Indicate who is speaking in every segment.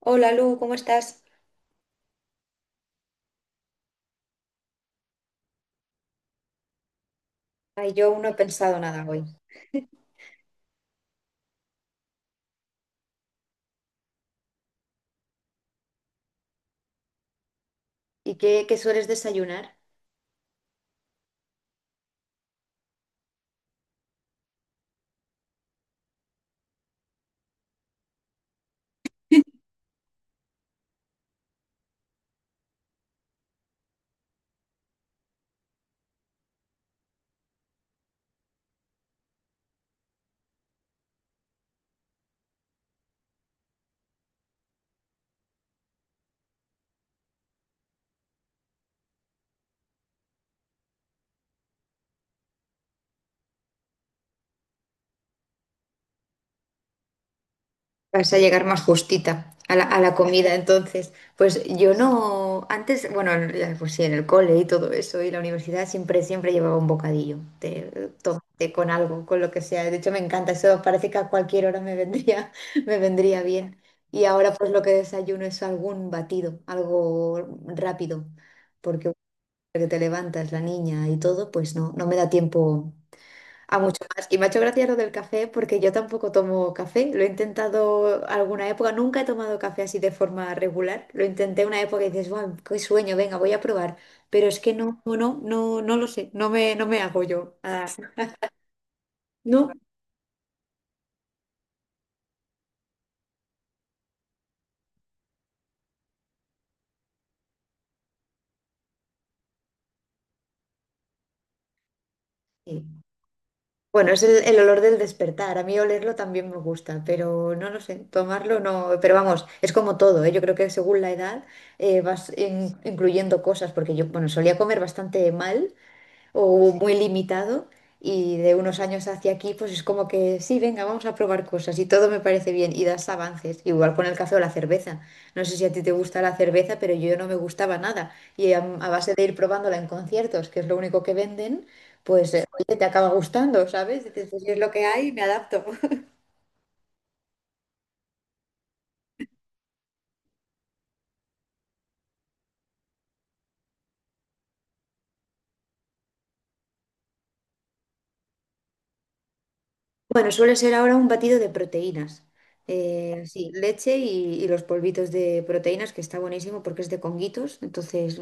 Speaker 1: Hola Lu, ¿cómo estás? Ay, yo aún no he pensado nada hoy. ¿Y qué sueles desayunar? Vas a llegar más justita a la comida, entonces. Pues yo no, antes, bueno, pues sí, en el cole y todo eso, y la universidad siempre llevaba un bocadillo de tomate con algo, con lo que sea. De hecho, me encanta eso, parece que a cualquier hora me vendría, me vendría bien. Y ahora pues lo que desayuno es algún batido, algo rápido, porque que te levantas, la niña y todo, pues no me da tiempo a mucho más. Y me ha hecho gracia lo del café porque yo tampoco tomo café. Lo he intentado alguna época. Nunca he tomado café así de forma regular. Lo intenté una época y dices, wow, qué sueño, venga, voy a probar. Pero es que no, no, no, no, no lo sé. No me hago yo. Ah, no. Sí. Bueno, es el olor del despertar. A mí olerlo también me gusta, pero no lo sé. Tomarlo no. Pero vamos, es como todo, ¿eh? Yo creo que según la edad vas incluyendo cosas porque yo, bueno, solía comer bastante mal. O muy limitado y de unos años hacia aquí pues es como que sí, venga, vamos a probar cosas y todo me parece bien y das avances, igual con el café o la cerveza. No sé si a ti te gusta la cerveza, pero yo no me gustaba nada y a base de ir probándola en conciertos, que es lo único que venden, pues oye, te acaba gustando, ¿sabes? Dices, pues si es lo que hay, me adapto. Bueno, suele ser ahora un batido de proteínas. Vale. Sí, leche y los polvitos de proteínas, que está buenísimo porque es de conguitos. Entonces,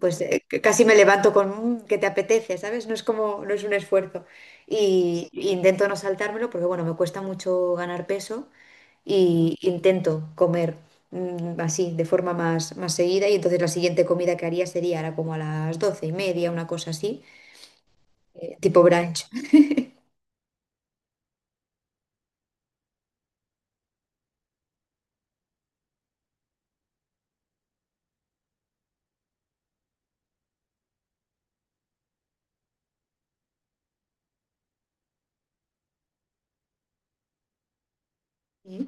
Speaker 1: pues casi me levanto con un que te apetece, ¿sabes? No es como, no es un esfuerzo. Y intento no saltármelo porque, bueno, me cuesta mucho ganar peso y intento comer así, de forma más seguida. Y entonces la siguiente comida que haría sería ahora como a las doce y media, una cosa así, tipo brunch. Mm,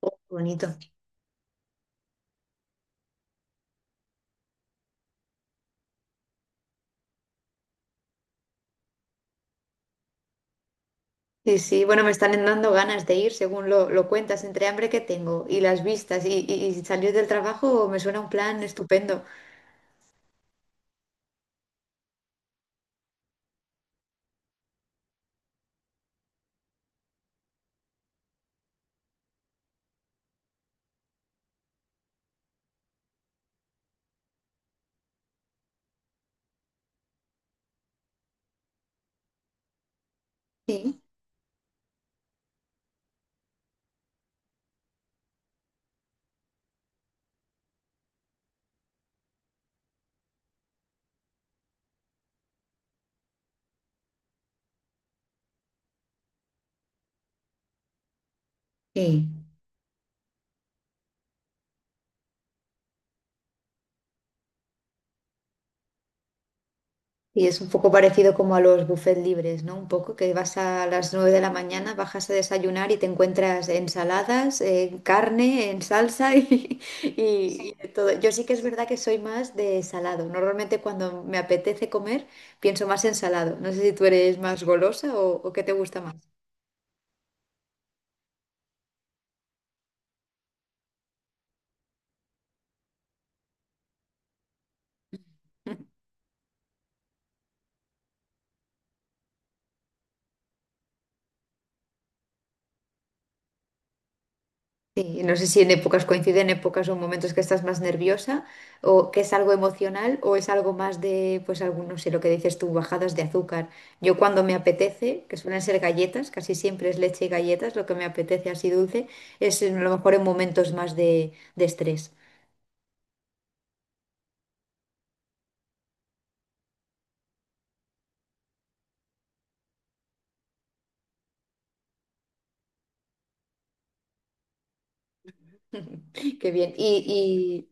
Speaker 1: oh, qué bonito. Sí, sí, bueno, me están dando ganas de ir, según lo cuentas, entre hambre que tengo y las vistas y salir del trabajo me suena un plan estupendo. Sí, sí. Y es un poco parecido como a los buffets libres, ¿no? Un poco que vas a las 9 de la mañana, bajas a desayunar y te encuentras ensaladas, carne, en salsa y de todo. Yo sí que es verdad que soy más de salado. Normalmente cuando me apetece comer pienso más en salado. No sé si tú eres más golosa o qué te gusta más. Sí, no sé si en épocas coinciden épocas o momentos que estás más nerviosa o que es algo emocional o es algo más de, pues algún, no sé, lo que dices tú, bajadas de azúcar. Yo cuando me apetece, que suelen ser galletas, casi siempre es leche y galletas, lo que me apetece así dulce, es a lo mejor en momentos más de estrés. Qué bien. Y,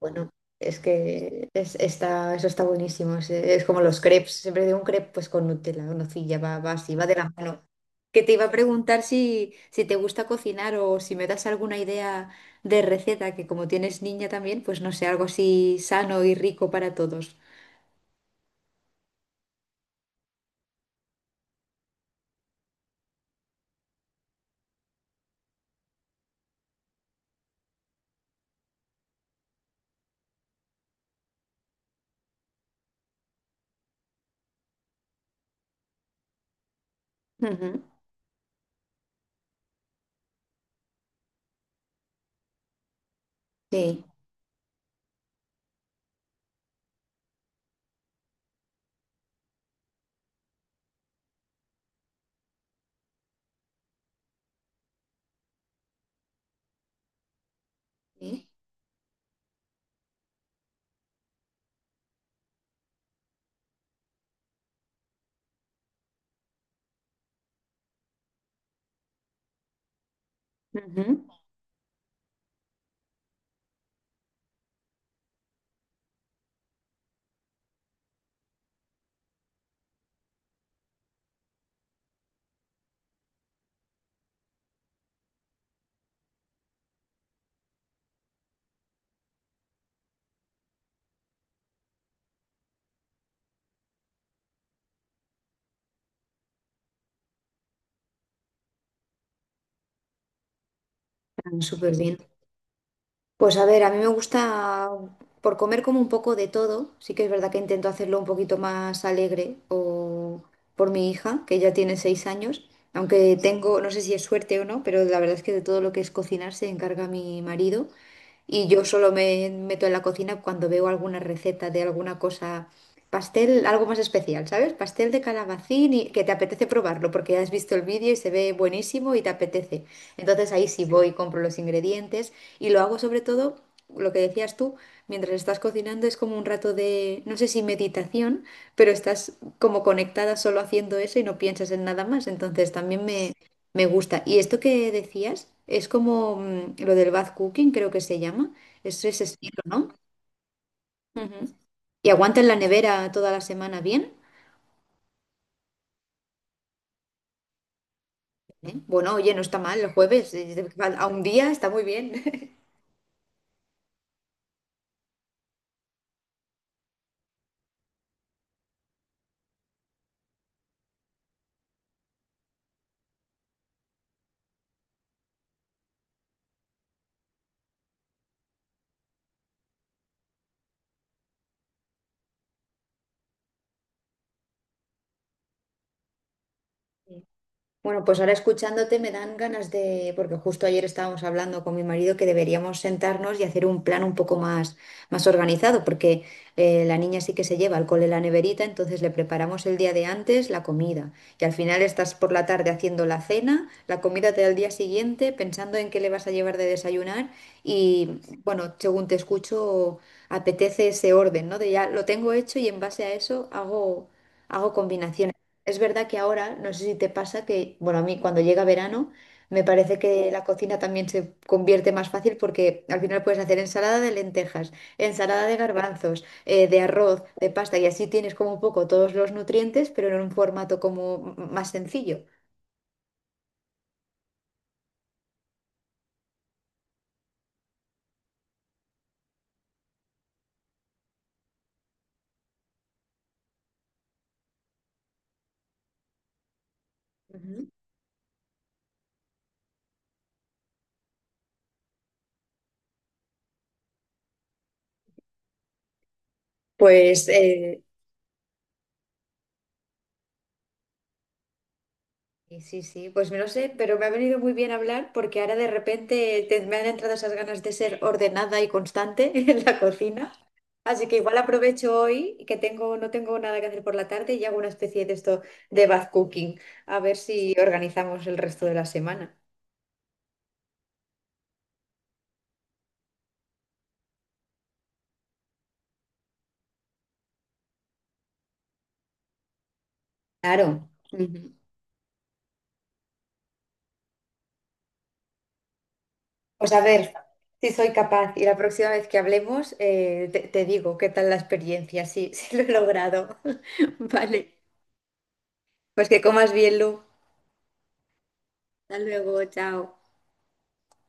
Speaker 1: bueno, es que es, está, eso está buenísimo. Es como los crepes. Siempre digo un crepe pues con Nutella, o nocilla, va así, va de la mano. Que te iba a preguntar si te gusta cocinar o si me das alguna idea de receta, que como tienes niña también, pues no sé, algo así sano y rico para todos. Ujú. Sí, sí. Ujú. Ah, súper bien. Pues a ver, a mí me gusta por comer como un poco de todo. Sí que es verdad que intento hacerlo un poquito más alegre o por mi hija, que ya tiene 6 años. Aunque tengo, no sé si es suerte o no, pero la verdad es que de todo lo que es cocinar se encarga mi marido. Y yo solo me meto en la cocina cuando veo alguna receta de alguna cosa, pastel, algo más especial, ¿sabes? Pastel de calabacín y que te apetece probarlo porque has visto el vídeo y se ve buenísimo y te apetece. Entonces ahí sí voy, compro los ingredientes y lo hago sobre todo, lo que decías tú, mientras estás cocinando es como un rato de, no sé si meditación, pero estás como conectada solo haciendo eso y no piensas en nada más. Entonces también me gusta. Y esto que decías es como lo del bath cooking, creo que se llama. Es ese estilo, ¿no? Ujú. Y aguanta en la nevera toda la semana bien. ¿Eh? Bueno, oye, no está mal el jueves. A un día está muy bien. Bueno, pues ahora escuchándote me dan ganas de, porque justo ayer estábamos hablando con mi marido que deberíamos sentarnos y hacer un plan un poco más organizado, porque la niña sí que se lleva al cole la neverita, entonces le preparamos el día de antes la comida y al final estás por la tarde haciendo la cena, la comida te da el día siguiente pensando en qué le vas a llevar de desayunar y bueno, según te escucho, apetece ese orden, ¿no? De ya lo tengo hecho y en base a eso hago combinaciones. Es verdad que ahora, no sé si te pasa que, bueno, a mí cuando llega verano me parece que la cocina también se convierte más fácil porque al final puedes hacer ensalada de lentejas, ensalada de garbanzos, de arroz, de pasta y así tienes como un poco todos los nutrientes, pero en un formato como más sencillo. Ujú. Pues, y sí, sí, pues me lo sé, pero me ha venido muy bien hablar porque ahora de repente me han entrado esas ganas de ser ordenada y constante en la cocina. Así que igual aprovecho hoy que no tengo nada que hacer por la tarde y hago una especie de esto de bath cooking, a ver si organizamos el resto de la semana. Claro. Ujú. Pues a ver si soy capaz y la próxima vez que hablemos te digo qué tal la experiencia, sí, sí lo he logrado. Vale, pues que comas bien, Lu. Hasta luego, chao.